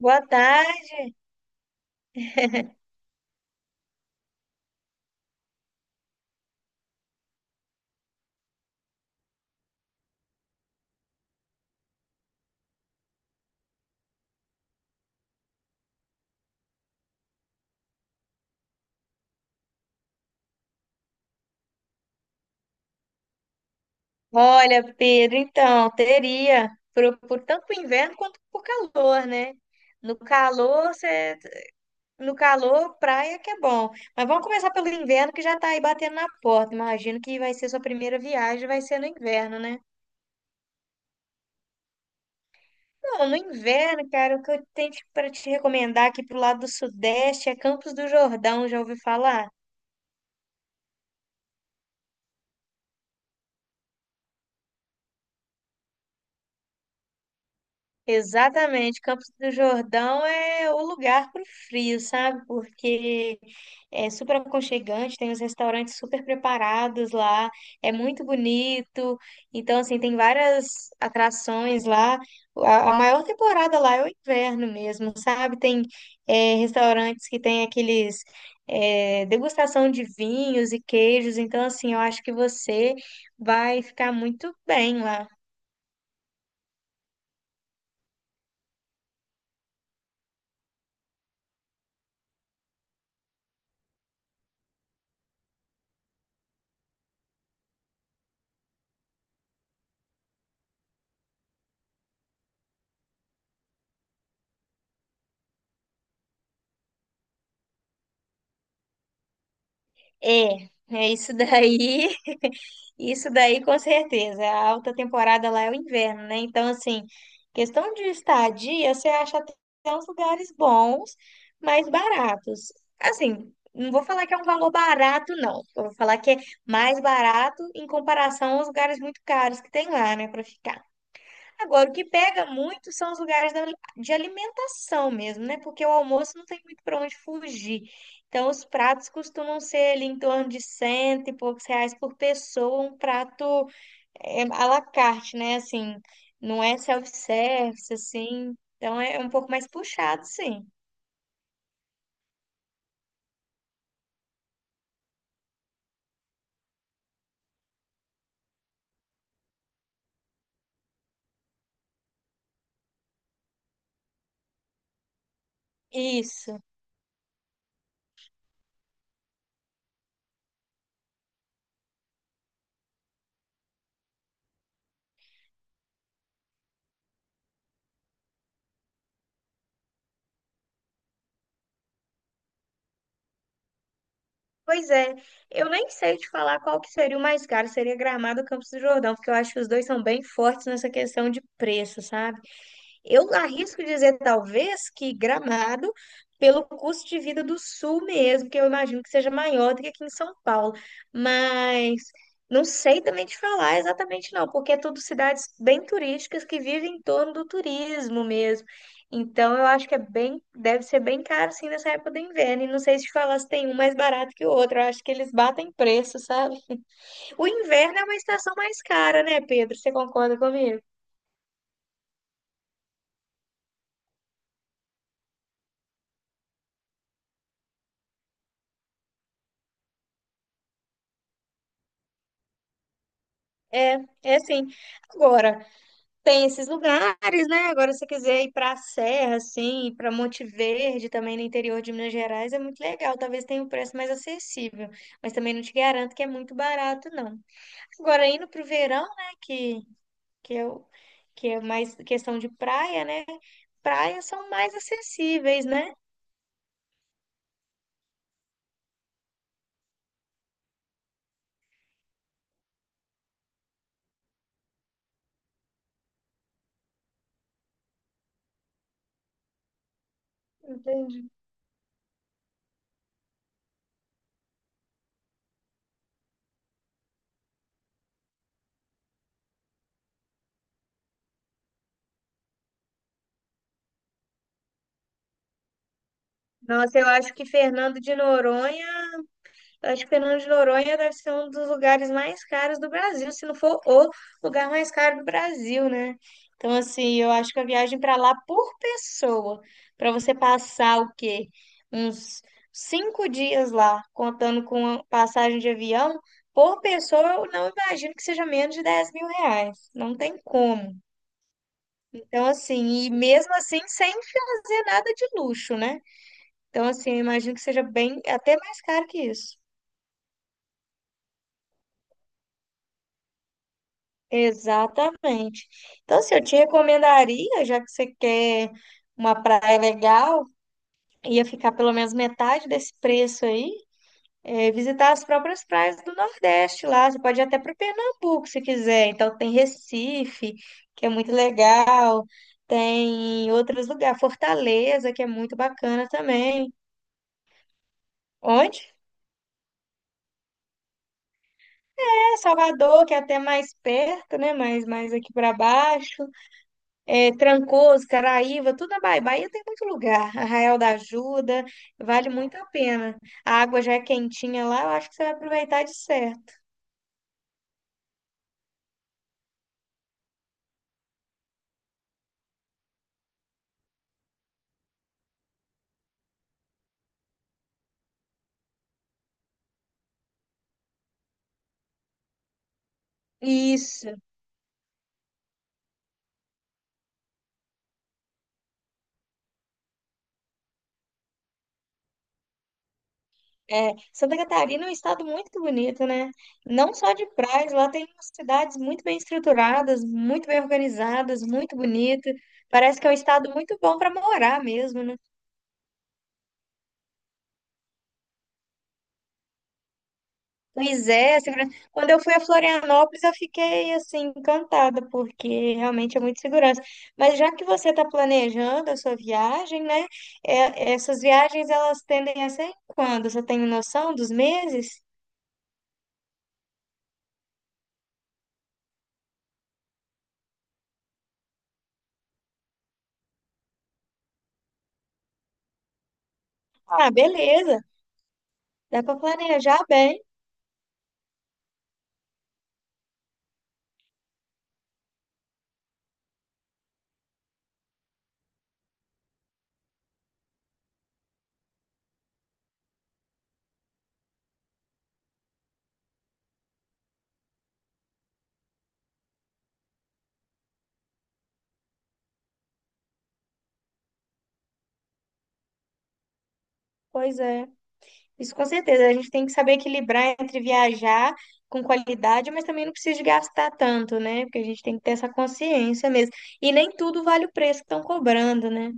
Boa tarde. Olha, Pedro, então, teria, por tanto por inverno quanto por calor, né? No calor, no calor, praia que é bom. Mas vamos começar pelo inverno, que já tá aí batendo na porta. Imagino que vai ser sua primeira viagem, vai ser no inverno, né? Não, no inverno, cara, o que eu tenho para te pra te recomendar aqui pro lado do Sudeste é Campos do Jordão, já ouvi falar? Exatamente, Campos do Jordão é o lugar para o frio, sabe? Porque é super aconchegante, tem os restaurantes super preparados lá, é muito bonito. Então, assim, tem várias atrações lá. A maior temporada lá é o inverno mesmo, sabe? Tem restaurantes que tem aqueles degustação de vinhos e queijos. Então, assim, eu acho que você vai ficar muito bem lá. É, é isso daí, isso daí com certeza. A alta temporada lá é o inverno, né? Então, assim, questão de estadia, você acha até uns lugares bons, mas baratos. Assim, não vou falar que é um valor barato, não. Eu vou falar que é mais barato em comparação aos lugares muito caros que tem lá, né, para ficar. Agora, o que pega muito são os lugares de alimentação mesmo, né? Porque o almoço não tem muito para onde fugir. Então, os pratos costumam ser ali em torno de cento e poucos reais por pessoa, um prato à la carte, né? Assim, não é self-service, assim. Então, é um pouco mais puxado, sim. Isso. Pois é, eu nem sei te falar qual que seria o mais caro, seria Gramado ou Campos do Jordão, porque eu acho que os dois são bem fortes nessa questão de preço, sabe? Eu arrisco dizer, talvez, que Gramado, pelo custo de vida do Sul mesmo, que eu imagino que seja maior do que aqui em São Paulo. Mas não sei também te falar exatamente, não, porque é tudo cidades bem turísticas que vivem em torno do turismo mesmo. Então, eu acho que é bem, deve ser bem caro, sim, nessa época do inverno. E não sei se te falar se tem um mais barato que o outro. Eu acho que eles batem preço, sabe? O inverno é uma estação mais cara, né, Pedro? Você concorda comigo? É, é sim. Agora, tem esses lugares, né? Agora, se você quiser ir para a Serra, assim, para Monte Verde, também no interior de Minas Gerais, é muito legal. Talvez tenha um preço mais acessível, mas também não te garanto que é muito barato, não. Agora, indo para o verão, né? É que é mais questão de praia, né? Praias são mais acessíveis, né? Entendi. Nossa, eu acho que Fernando de Noronha acho que Fernando de Noronha deve ser um dos lugares mais caros do Brasil, se não for o lugar mais caro do Brasil, né? Então, assim, eu acho que a viagem para lá por pessoa, para você passar o quê? Uns 5 dias lá, contando com a passagem de avião, por pessoa, eu não imagino que seja menos de R$ 10.000. Não tem como. Então, assim, e mesmo assim, sem fazer nada de luxo, né? Então, assim, eu imagino que seja bem, até mais caro que isso. Exatamente. Então, se eu te recomendaria, já que você quer uma praia legal, ia ficar pelo menos metade desse preço aí, é, visitar as próprias praias do Nordeste lá. Você pode ir até para Pernambuco se quiser. Então, tem Recife, que é muito legal, tem outros lugares, Fortaleza, que é muito bacana também. Onde é Salvador, que é até mais perto, né? Mais aqui para baixo. É, Trancoso, Caraíva, tudo na Bahia. Bahia tem muito lugar. Arraial da Ajuda, vale muito a pena. A água já é quentinha lá, eu acho que você vai aproveitar de certo. Isso, é. Santa Catarina é um estado muito bonito, né? Não só de praias, lá tem umas cidades muito bem estruturadas, muito bem organizadas, muito bonito. Parece que é um estado muito bom para morar mesmo, né? Pois é, segurança. Quando eu fui a Florianópolis, eu fiquei assim encantada, porque realmente é muito segurança. Mas já que você está planejando a sua viagem, né? é- essas viagens elas tendem a ser quando? Você tem noção dos meses? Ah, beleza. Dá para planejar bem. Pois é. Isso com certeza. A gente tem que saber equilibrar entre viajar com qualidade, mas também não precisa de gastar tanto, né? Porque a gente tem que ter essa consciência mesmo. E nem tudo vale o preço que estão cobrando, né?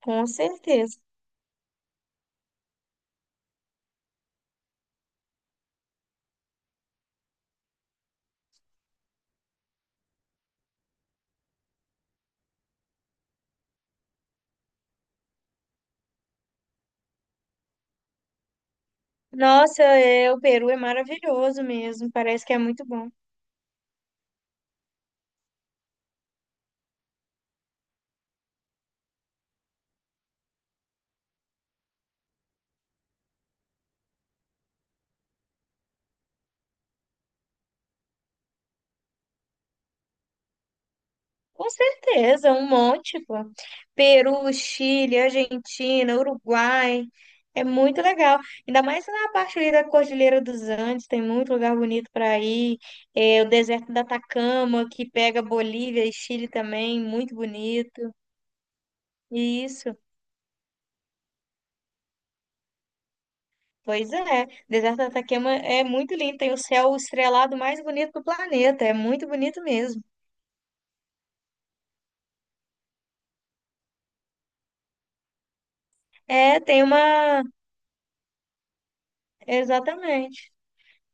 Com certeza. Nossa, é, o Peru é maravilhoso mesmo, parece que é muito bom. Com certeza, um monte, pô. Peru, Chile, Argentina, Uruguai, é muito legal. Ainda mais na parte ali da Cordilheira dos Andes, tem muito lugar bonito para ir. É, o deserto da Atacama, que pega Bolívia e Chile também, muito bonito. Isso, pois é. O deserto da Atacama é muito lindo, tem o céu estrelado mais bonito do planeta, é muito bonito mesmo. É, tem uma Exatamente.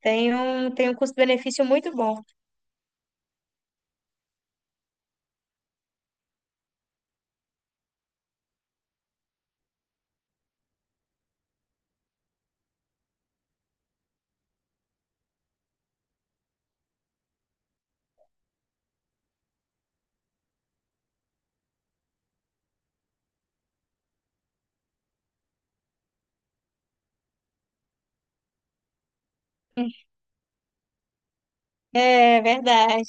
Tem um custo-benefício muito bom. É verdade.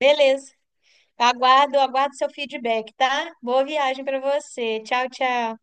Beleza. Aguardo seu feedback, tá? Boa viagem para você. Tchau, tchau.